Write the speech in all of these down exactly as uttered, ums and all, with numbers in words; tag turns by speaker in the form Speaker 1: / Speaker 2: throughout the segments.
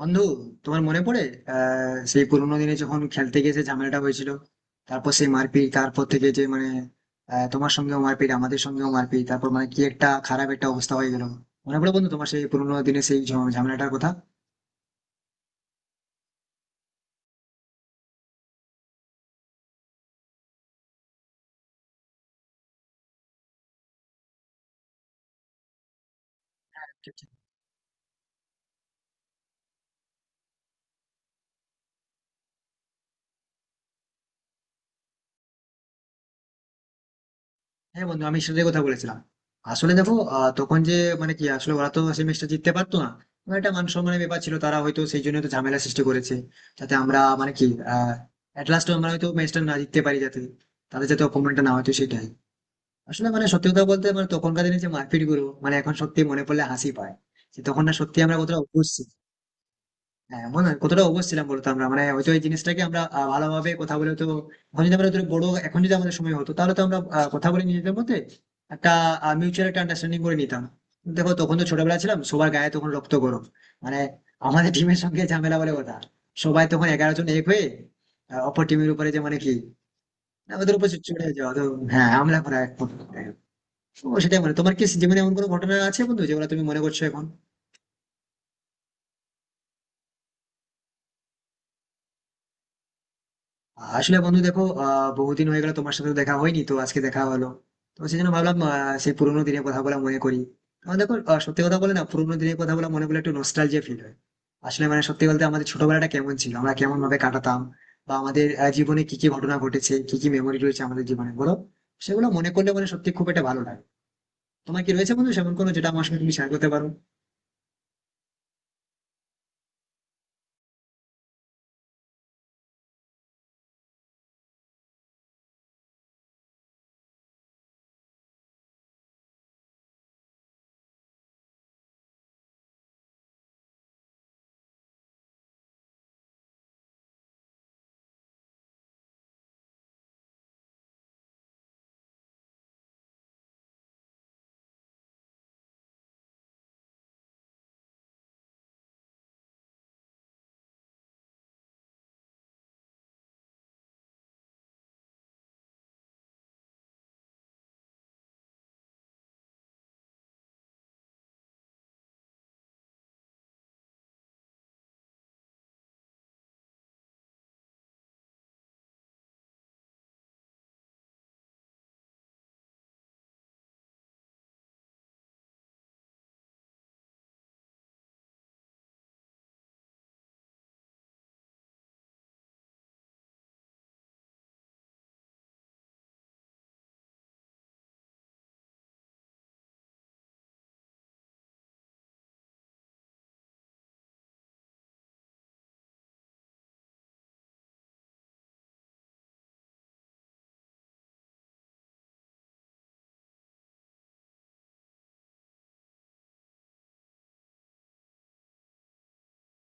Speaker 1: বন্ধু, তোমার মনে পড়ে আহ সেই পুরোনো দিনে যখন খেলতে গিয়ে যে ঝামেলাটা হয়েছিল, তারপর সেই মারপিট, তারপর থেকে যে মানে আহ, তোমার সঙ্গেও মারপিট, আমাদের সঙ্গেও মারপিট, তারপর মানে কি একটা খারাপ একটা অবস্থা হয়ে গেল? মনে পড়ে বন্ধু, তোমার সেই পুরোনো দিনে সেই ঝ- ঝামেলাটার কথা? হ্যাঁ বন্ধু, আমি সেটাই কথা বলেছিলাম। আসলে দেখো, আহ, তখন যে মানে কি আসলে ওরা তো সেমিস্টার জিততে পারতো না। মানে একটা মান সম্মানের ব্যাপার ছিল, তারা হয়তো সেই জন্য তো ঝামেলা সৃষ্টি করেছে, যাতে আমরা মানে কি আহ এট লাস্ট আমরা হয়তো ম্যাচটা না জিততে পারি, যাতে তাদের যাতে অপমানটা না হয়, তো সেটাই। আসলে মানে সত্যি কথা বলতে, মানে তখনকার দিনে যে মারপিট গুলো, মানে এখন সত্যি মনে পড়লে হাসি পায় যে তখন না সত্যি আমরা কতটা অবশ ছি- হ্যাঁ, মনে হয় কতটা অবশ ছিলাম বলতো আমরা, মানে হয়তো এই জিনিসটাকে আমরা আহ, ভালোভাবে কথা বলে তো এখন যদি আমরা ধরো বড়, এখন যদি আমাদের সময় হতো, তাহলে তো আমরা আহ, কথা বলে নিজেদের মধ্যে একটা মিউচুয়াল একটা আন্ডারস্ট্যান্ডিং করে নিতাম। দেখো তখন তো ছোটবেলা ছিলাম, সবার গায়ে তখন রক্ত গরম, মানে আমাদের টিমের সঙ্গে ঝামেলা বলে কথা। সবাই তখন এগারো জন এক হয়ে আহ, অপর টিমের উপরে যে মানে কি না, ওদের উপর চড়ে যাওয়া তো। হ্যাঁ, আমরা করা এক প্রকার। ও সেটাই, মানে তোমার কি জীবনে এমন কোনো ঘটনা আছে বন্ধু, যেগুলো তুমি মনে করছো এখন? আসলে বন্ধু দেখো, আহ বহুদিন হয়ে গেল, তোমার সাথে তো দেখা হয়নি, তো আজকে দেখা হলো, তো সেই জন্য ভাবলাম আহ, সেই পুরোনো দিনের কথা বলা মনে করি। কারণ দেখো, আহ, সত্যি কথা বলে না, পুরোনো দিনের কথা বলা মনে করলে একটু নস্টালজিয়া ফিল হয়। আসলে মানে সত্যি বলতে, আমাদের ছোটবেলাটা কেমন ছিল, আমরা কেমন ভাবে কাটাতাম, বা আমাদের আহ, জীবনে কি কি ঘটনা ঘটেছে, কি কি মেমোরি রয়েছে আমাদের জীবনে বলো, সেগুলো মনে করলে মানে সত্যি খুব একটা ভালো লাগে। তোমার কি রয়েছে বন্ধু সেমন কোনো, যেটা আমার সঙ্গে তুমি শেয়ার করতে পারো?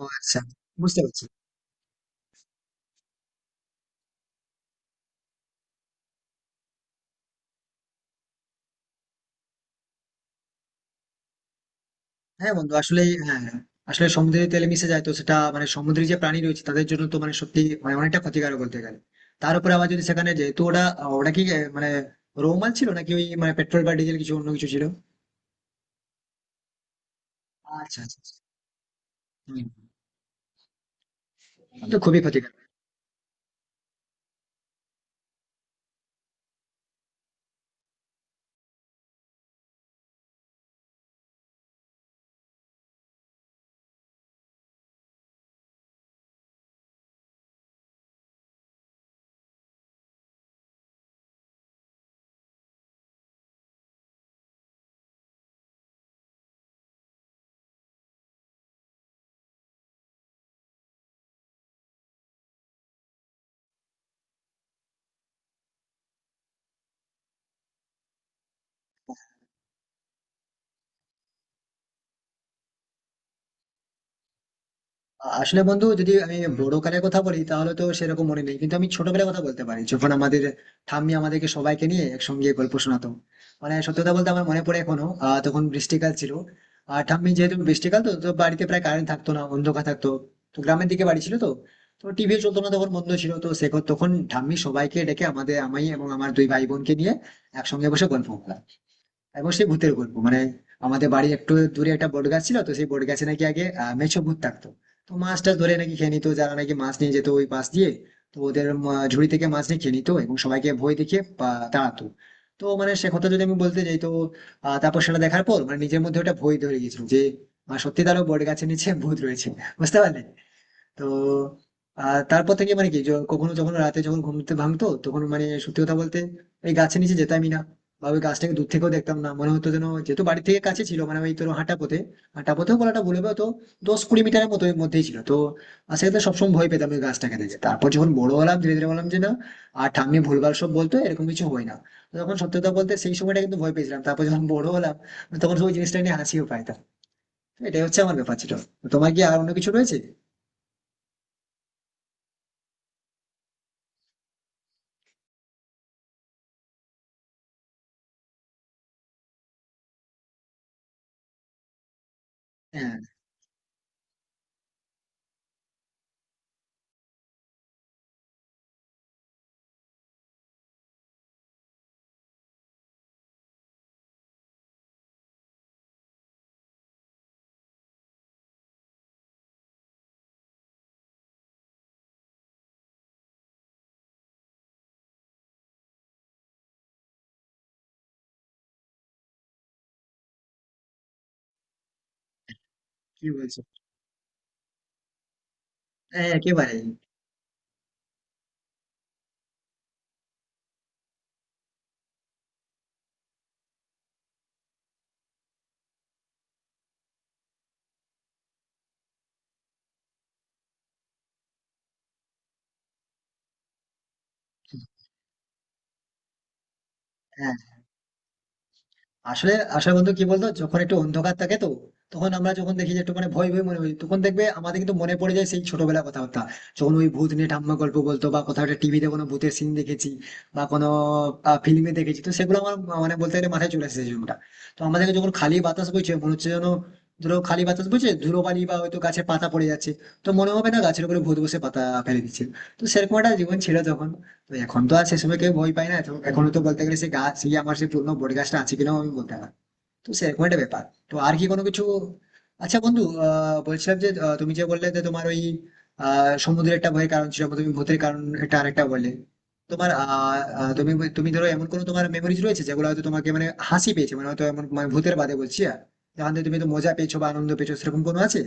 Speaker 1: ও আচ্ছা। বুঝতে পারছি। হ্যাঁ বন্ধু, আসলে হ্যাঁ, আসলে সমুদ্রের তেলে মিশে যায়, তো সেটা মানে সমুদ্রের যে প্রাণী রয়েছে তাদের জন্য তো মানে সত্যি মানে অনেকটা ক্ষতিকারক বলতে গেলে। তার উপরে আবার যদি সেখানে যেহেতু ওটা, ওটা কি আহ, মানে রোমাল ছিল, নাকি ওই মানে পেট্রোল বা ডিজেল কিছু অন্য কিছু ছিল? আচ্ছা আচ্ছা আচ্ছা। হুম। তো খুবই ক্ষতি। আসলে বন্ধু, যদি আমি বড়কালের কথা বলি তাহলে তো সেরকম মনে নেই, কিন্তু আমি ছোটবেলার কথা বলতে পারি। যখন আমাদের ঠাম্মি আমাদেরকে সবাইকে নিয়ে একসঙ্গে গল্প শোনাতো, মানে সত্যি কথা বলতে আমার মনে পড়ে এখনো। আহ তখন বৃষ্টিকাল ছিল, আর ঠাম্মি যেহেতু বৃষ্টিকাল, তো তো বাড়িতে প্রায় কারেন্ট থাকতো না, অন্ধকার থাকতো, তো গ্রামের দিকে বাড়ি ছিল তো, তো টিভি চলতো না, তখন বন্ধ ছিল তো সে। তখন ঠাম্মি সবাইকে ডেকে আমাদের, আমি এবং আমার দুই ভাই বোনকে নিয়ে একসঙ্গে বসে গল্প করতাম, এবং সেই ভূতের গল্প মানে আমাদের বাড়ির একটু দূরে একটা বট গাছ ছিল, তো সেই বট গাছে নাকি আগে আহ, মেছো ভূত থাকতো। তো মাছ টাছ ধরে নাকি খেয়ে নিত, যারা নাকি মাছ নিয়ে যেত ওই পাশ দিয়ে, তো ওদের আহ, ঝুড়ি থেকে মাছ নিয়ে খেয়ে নিত, এবং সবাইকে ভয় দেখিয়ে পা- তাড়াতো। তো মানে সে কথা যদি আমি বলতে যাই তো আহ, তারপর সেটা দেখার পর মানে নিজের মধ্যে ওটা ভয় ধরে গেছিল যে আহ, সত্যি তারও বট গাছের নিচে ভূত রয়েছে, বুঝতে পারলে? তো আহ তারপর থেকে মানে কি য- কখনো যখন রাতে যখন ঘুমতে ভাঙতো, তখন মানে সত্যি কথা বলতে ওই গাছের নিচে যেতামই না, বা ওই গাছটাকে দূর থেকেও দেখতাম না, মনে হতো যেন। যেহেতু বাড়ি থেকে কাছে ছিল, মানে ওই তোর হাঁটা পথে, হাঁটা পথেও বলাটা ভুল হবে, তো দশ কুড়ি মিটারের মতো এর মধ্যেই ছিল তো। আর সেক্ষেত্রে সবসময় ভয় পেতাম ওই গাছটাকে দেখে। তারপর যখন বড় হলাম, ধীরে ধীরে বললাম যে না, আর ঠাম্মি ভুলভাল সব বলতো, এরকম কিছু হয় না। তো তখন সত্যি কথা বলতে সেই সময়টা কিন্তু ভয় পেয়েছিলাম, তারপর যখন বড় হলাম তখন ওই জিনিসটা নিয়ে হাসিও পাইতাম। তো এটাই হচ্ছে আমার ব্যাপার ছিল। তো তোমার কি আর অন্য কিছু রয়েছে? হ্যাঁ। কি বলছো? হ্যাঁ, একেবারেই। হ্যাঁ, আসলে আসলে বন্ধু, কি বলতো, যখন একটু অন্ধকার থাকে তো তখন আমরা যখন দেখি যে একটু মানে ভয় ভয় মনে হয়, তখন দেখবে আমাদের কিন্তু মনে পড়ে যায় সেই ছোটবেলা কথাবার্তা, যখন ওই ভূত নিয়ে ঠাম্মা গল্প বলতো, বা কোথাও একটা টিভিতে কোনো ভূতের সিন দেখেছি, বা কোনো ফিল্মে দেখেছি, তো সেগুলো আমার আহ, মানে বলতে গেলে মাথায় চলে এসেছে জীবনটা। তো আমাদেরকে যখন খালি বাতাস বইছে মনে হচ্ছে যেন, ধরো খালি বাতাস বইছে, ধুলোবালি বা হয়তো গাছে পাতা পড়ে যাচ্ছে, তো মনে হবে না গাছের উপরে ভূত বসে পাতা ফেলে দিচ্ছে। তো সেরকম একটা জীবন ছিল তখন। তো এখন তো আর সেসবে কেউ ভয় পায় না, তো এখনো তো বলতে গেলে সেই গাছ, সেই আমার সেই পুরনো বট গাছটা আছে কিনাও আমি বলতে পারবো না। তো সেরকম একটা ব্যাপার। তো আর কি কোনো কিছু? আচ্ছা বন্ধু, আহ বলছিলাম যে আহ, তুমি যে বললে যে তোমার ওই আহ সমুদ্রের একটা ভয়ের কারণ ছিল, তুমি ভূতের কারণ একটা আরেকটা বললে, তোমার আহ আহ, তুমি তুমি ধরো এমন কোনো তোমার মেমোরিজ রয়েছে, যেগুলো হয়তো তোমাকে মানে হাসি পেয়েছে, মানে হয়তো এমন মানে ভূতের বাদে বলছি, আর যেখান থেকে তুমি তো মজা পেয়েছো বা আনন্দ পেয়েছো, সেরকম কোনো আছে?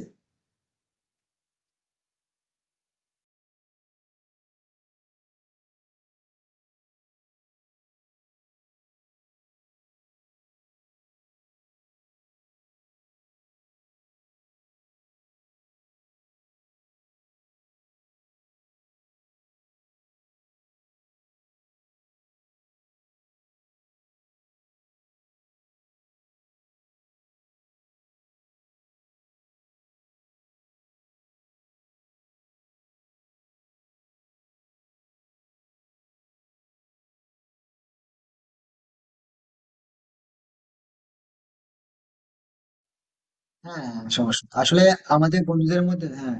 Speaker 1: হ্যাঁ, সমস্যা আসলে আমাদের বন্ধুদের মধ্যে, হ্যাঁ।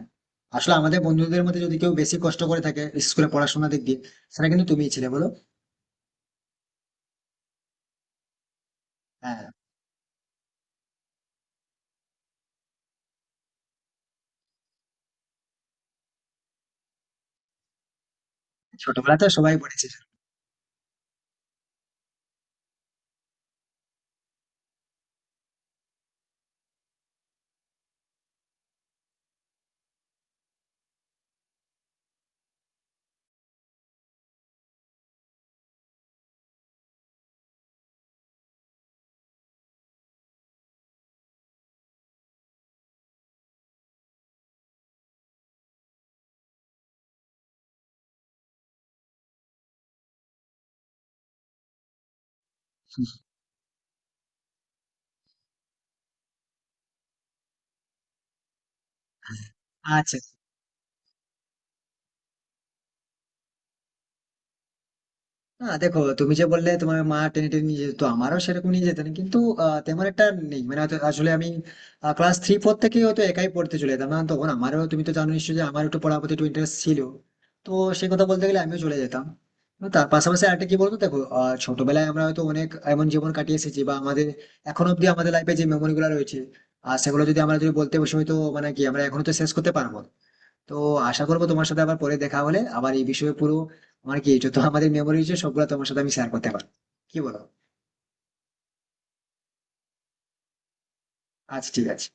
Speaker 1: আসলে আমাদের বন্ধুদের মধ্যে যদি কেউ বেশি কষ্ট করে থাকে স্কুলে পড়াশোনা দিক দিয়ে, সেটা কিন্তু তুমিই ছিলে বলো। হ্যাঁ। ছোটবেলাতে সবাই পড়েছে। আচ্ছা। না দেখো, তুমি যে বললে তোমার মা টেনে টেনে নিয়ে যেত, আমারও সেরকম নিয়ে যেতেন কিন্তু আহ, তেমন একটা নেই, মানে হয়তো আসলে আমি ক্লাস থ্রি ফোর থেকে হয়তো একাই পড়তে চলে যেতাম না তখন। আমারও তুমি তো জানো নিশ্চয়ই যে আমার একটু পড়ার প্রতি একটু ইন্টারেস্ট ছিল, তো সেই কথা বলতে গেলে আমিও চলে যেতাম। এবং তার পাশাপাশি আরেকটা কি বলতো দেখো, আহ, ছোটবেলায় আমরা হয়তো অনেক এমন জীবন কাটিয়ে এসেছি, বা আমাদের এখন অব্দি আমাদের লাইফে যে মেমোরি গুলো রয়েছে, আর সেগুলো যদি আমরা যদি বলতে বসে হয়তো মানে কি আমরা এখনো তো শেষ করতে পারবো না। তো আশা করবো তোমার সাথে আবার পরে দেখা হলে আবার এই বিষয়ে পুরো আমার কি যত আমাদের মেমোরি আছে, সবগুলো তোমার সাথে আমি শেয়ার করতে পারবো, কি বলো? আচ্ছা ঠিক আছে।